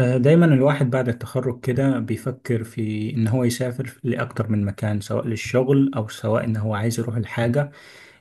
دايما الواحد بعد التخرج كده بيفكر في إن هو يسافر لأكتر من مكان، سواء للشغل أو سواء إن هو عايز يروح الحاجة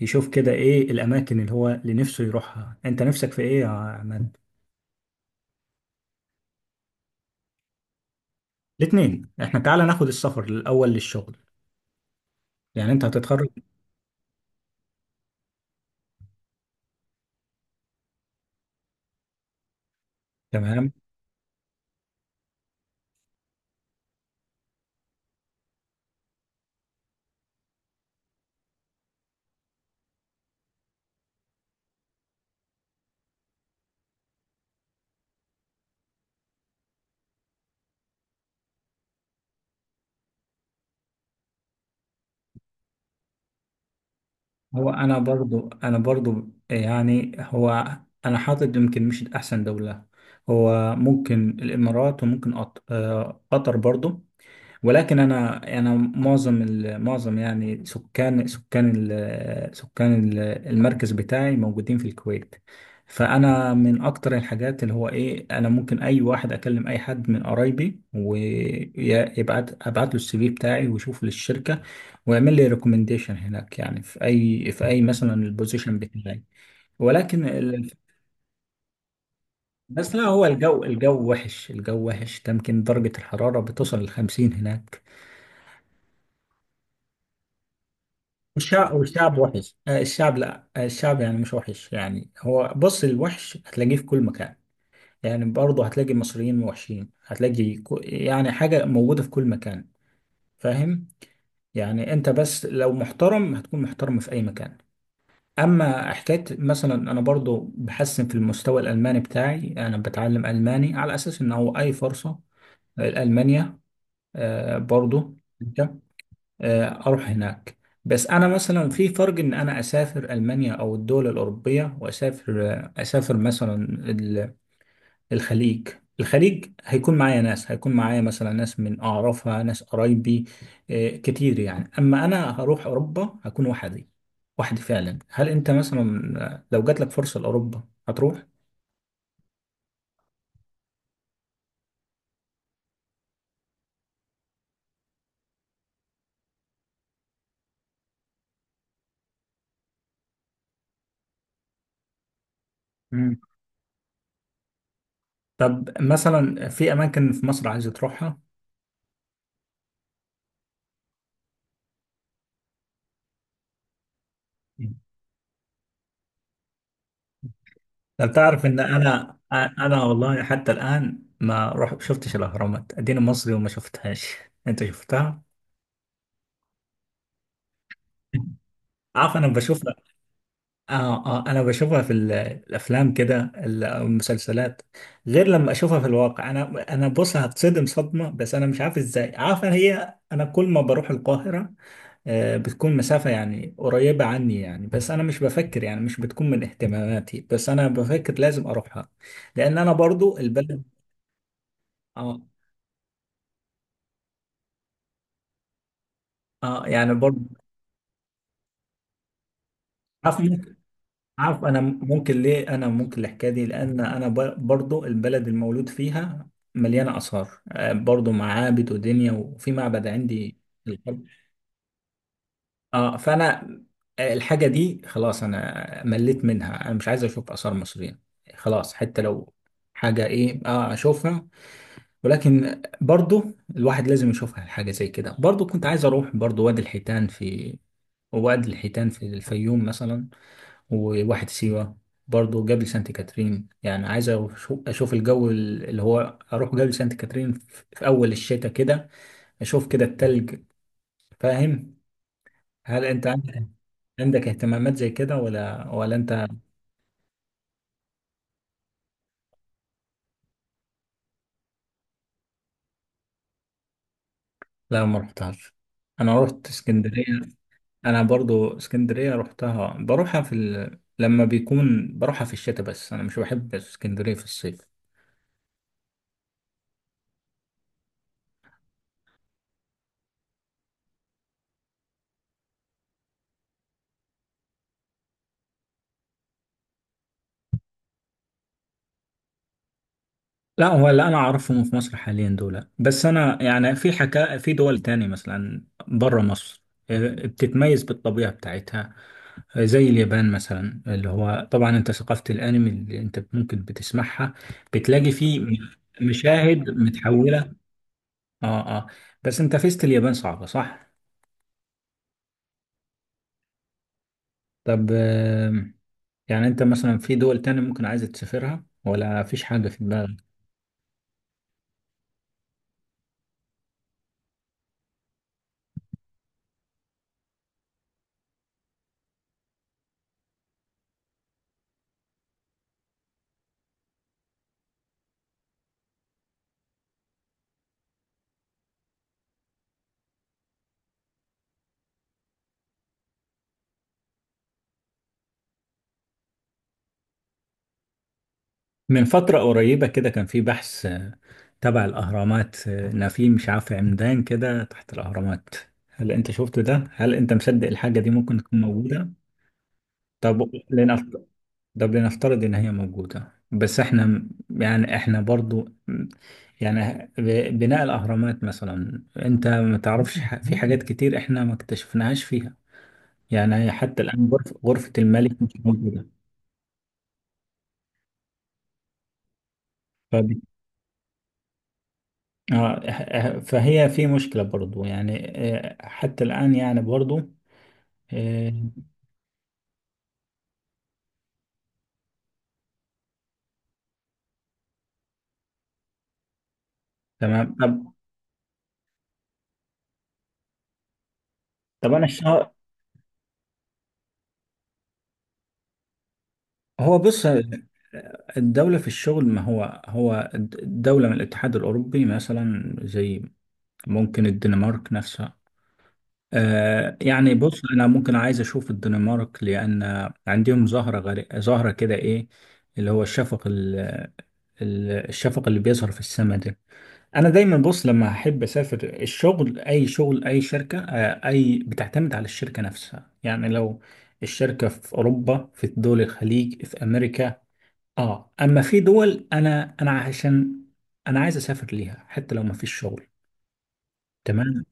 يشوف كده إيه الأماكن اللي هو اللي نفسه يروحها. أنت نفسك في إيه يا عماد؟ الاتنين. إحنا تعالى ناخد السفر الأول للشغل، يعني أنت هتتخرج. تمام. هو أنا برضو، يعني هو أنا حاطط يمكن مش أحسن دولة. هو ممكن الإمارات وممكن قطر برضو. ولكن انا معظم يعني سكان المركز بتاعي موجودين في الكويت. فانا من اكتر الحاجات اللي هو ايه، انا ممكن اي واحد اكلم اي حد من قرايبي ابعت له السي في بتاعي ويشوف للشركه ويعمل لي ريكومنديشن هناك، يعني في اي مثلا البوزيشن بتاعي. ولكن ال- بس لا، هو الجو وحش. الجو وحش ده، يمكن درجه الحراره بتوصل ل 50 هناك. الشعب وحش. الشعب لا. الشعب يعني مش وحش، يعني هو بص، الوحش هتلاقيه في كل مكان. يعني برضه هتلاقي المصريين وحشين، هتلاقي يعني حاجة موجودة في كل مكان. فاهم؟ يعني انت بس لو محترم هتكون محترم في اي مكان. اما حكاية مثلا، انا برضه بحسن في المستوى الالماني بتاعي، انا بتعلم الماني على اساس ان هو اي فرصة الالمانيا برضه اروح هناك. بس انا مثلا في فرق ان انا اسافر المانيا او الدول الاوروبيه واسافر آه، اسافر مثلا ال- الخليج. هيكون معايا ناس، هيكون معايا مثلا ناس من اعرفها، ناس قرايبي كتير. يعني اما انا هروح اوروبا هكون وحدي فعلا. هل انت مثلا لو جات لك فرصه لاوروبا هتروح؟ مم. طب مثلا في اماكن في مصر عايز تروحها؟ انت تعرف ان انا والله حتى الان ما رحت شفتش الاهرامات؟ اديني مصري وما شفتهاش. انت شفتها؟ عارف، انا بشوفها. انا بشوفها في الافلام كده، او المسلسلات، غير لما اشوفها في الواقع. انا بص، هتصدم صدمه. بس انا مش عارف ازاي، عارف أنا هي، انا كل ما بروح القاهره بتكون مسافه يعني قريبه عني، يعني بس انا مش بفكر، يعني مش بتكون من اهتماماتي. بس انا بفكر لازم اروحها، لان انا برضو البلد. آه، اه يعني برضه. عارف ممكن. عارف انا ممكن ليه، انا ممكن الحكايه دي لان انا برضه البلد المولود فيها مليانه اثار، برضه معابد ودنيا. وفي معبد عندي في القلب. اه فانا الحاجه دي خلاص، انا مليت منها، انا مش عايز اشوف اثار مصريه، خلاص. حتى لو حاجه ايه اشوفها. ولكن برضه الواحد لازم يشوفها حاجه زي كده. برضه كنت عايز اروح برضه وادي الحيتان في الفيوم مثلا، وواحد سيوة. برضه جبل سانت كاترين، يعني عايز أشوف الجو اللي هو، أروح جبل سانت كاترين في أول الشتاء كده، أشوف كده التلج. فاهم؟ هل أنت عندك، اهتمامات زي كده ولا أنت؟ لا ما رحتهاش. أنا رحت اسكندرية. أنا برضه اسكندرية رحتها، بروحها في لما بيكون بروحها في الشتاء. بس أنا مش بحب اسكندرية في الصيف. لا، هو اللي انا اعرفهم في مصر حاليا دول بس. انا يعني في في دول تاني مثلا بره مصر، بتتميز بالطبيعة بتاعتها. زي اليابان مثلا، اللي هو طبعا انت ثقافة الانمي اللي انت ممكن بتسمعها، بتلاقي فيه مشاهد متحولة. اه اه بس انت فيست اليابان صعبة، صح؟ طب. يعني انت مثلا في دول تاني ممكن عايز تسافرها ولا فيش حاجة في دماغك؟ من فترة قريبة كده كان في بحث تبع الأهرامات، إن في مش عارف عمدان كده تحت الأهرامات. هل أنت شفت ده؟ هل أنت مصدق الحاجة دي ممكن تكون موجودة؟ طب لنفترض طب لنفترض إن هي موجودة، بس إحنا يعني إحنا برضو يعني بناء الأهرامات مثلا أنت ما تعرفش، في حاجات كتير إحنا ما اكتشفناهاش فيها. يعني حتى الآن غرفة الملك مش موجودة. آه، فهي في مشكلة برضو يعني. حتى الآن يعني برضو. آه، تمام. طب. أنا الشهر. هو بص، الدولة في الشغل، ما هو دولة من الاتحاد الأوروبي مثلا، زي ممكن الدنمارك نفسها. يعني بص، أنا ممكن عايز أشوف الدنمارك لأن عندهم ظاهرة كده إيه، اللي هو الشفق الشفق اللي بيظهر في السماء ده. انا دايما بص، لما احب اسافر الشغل اي شغل اي شركه اي بتعتمد على الشركه نفسها. يعني لو الشركه في اوروبا، في دول الخليج، في امريكا. اه، اما في دول انا عشان انا عايز اسافر ليها حتى لو ما فيش شغل. تمام.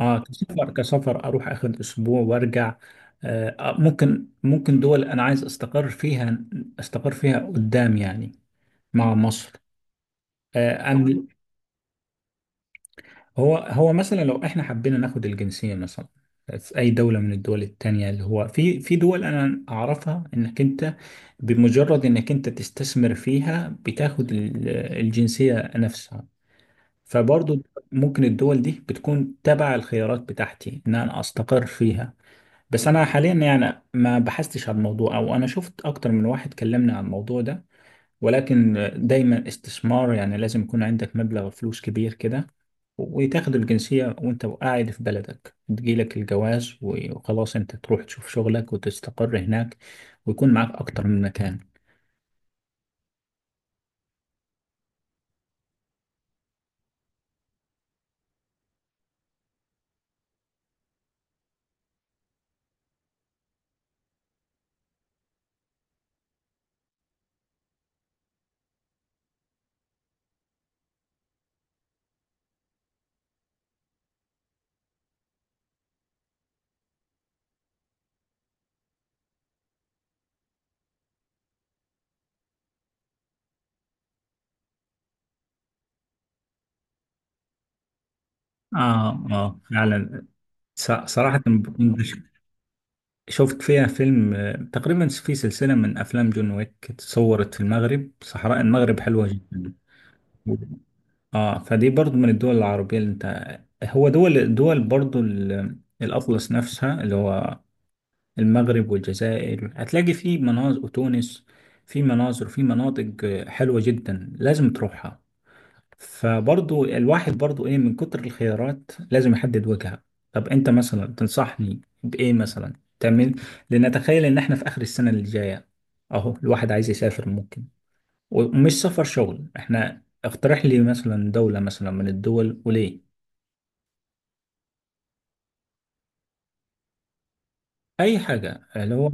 اه، كسفر اروح اخد اسبوع وارجع. ممكن دول انا عايز استقر فيها، قدام يعني، مع مصر. أنا هو مثلا لو احنا حبينا ناخد الجنسية مثلا في أي دولة من الدول التانية، اللي هو في دول أنا أعرفها إنك أنت بمجرد إنك أنت تستثمر فيها بتاخد الجنسية نفسها. فبرضو ممكن الدول دي بتكون تبع الخيارات بتاعتي إن أنا أستقر فيها. بس أنا حاليا يعني ما بحثتش على الموضوع، أو أنا شفت أكتر من واحد كلمني عن الموضوع ده. ولكن دايما استثمار يعني لازم يكون عندك مبلغ فلوس كبير كده، وتاخد الجنسية وانت قاعد في بلدك، تجيلك الجواز وخلاص انت تروح تشوف شغلك وتستقر هناك، ويكون معاك أكتر من مكان. فعلا. صراحة شفت فيها فيلم تقريبا في سلسلة من أفلام جون ويك اتصورت في المغرب. صحراء المغرب حلوة جدا. اه، فدي برضو من الدول العربية اللي انت. هو دول برضو الأطلس نفسها، اللي هو المغرب والجزائر هتلاقي في مناظر، وتونس في مناظر، في مناطق حلوة جدا لازم تروحها. فبرضو الواحد برضو ايه، من كتر الخيارات لازم يحدد وجهة. طب انت مثلا تنصحني بإيه مثلا تعمل؟ لأن أتخيل إن احنا في آخر السنة اللي جاية أهو، الواحد عايز يسافر ممكن، ومش سفر شغل. احنا اقترح لي مثلا دولة مثلا من الدول، وليه؟ اي حاجة اللي هو.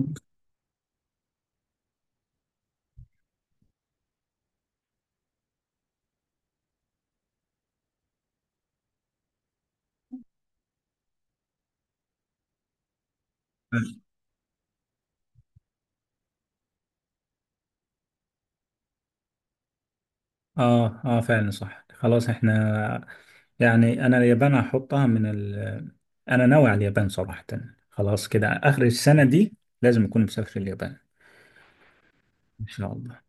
اه فعلا، صح، خلاص احنا، يعني انا اليابان هحطها من ال. انا ناوي على اليابان صراحة. خلاص كده، اخر السنة دي لازم اكون مسافر اليابان. ان شاء الله.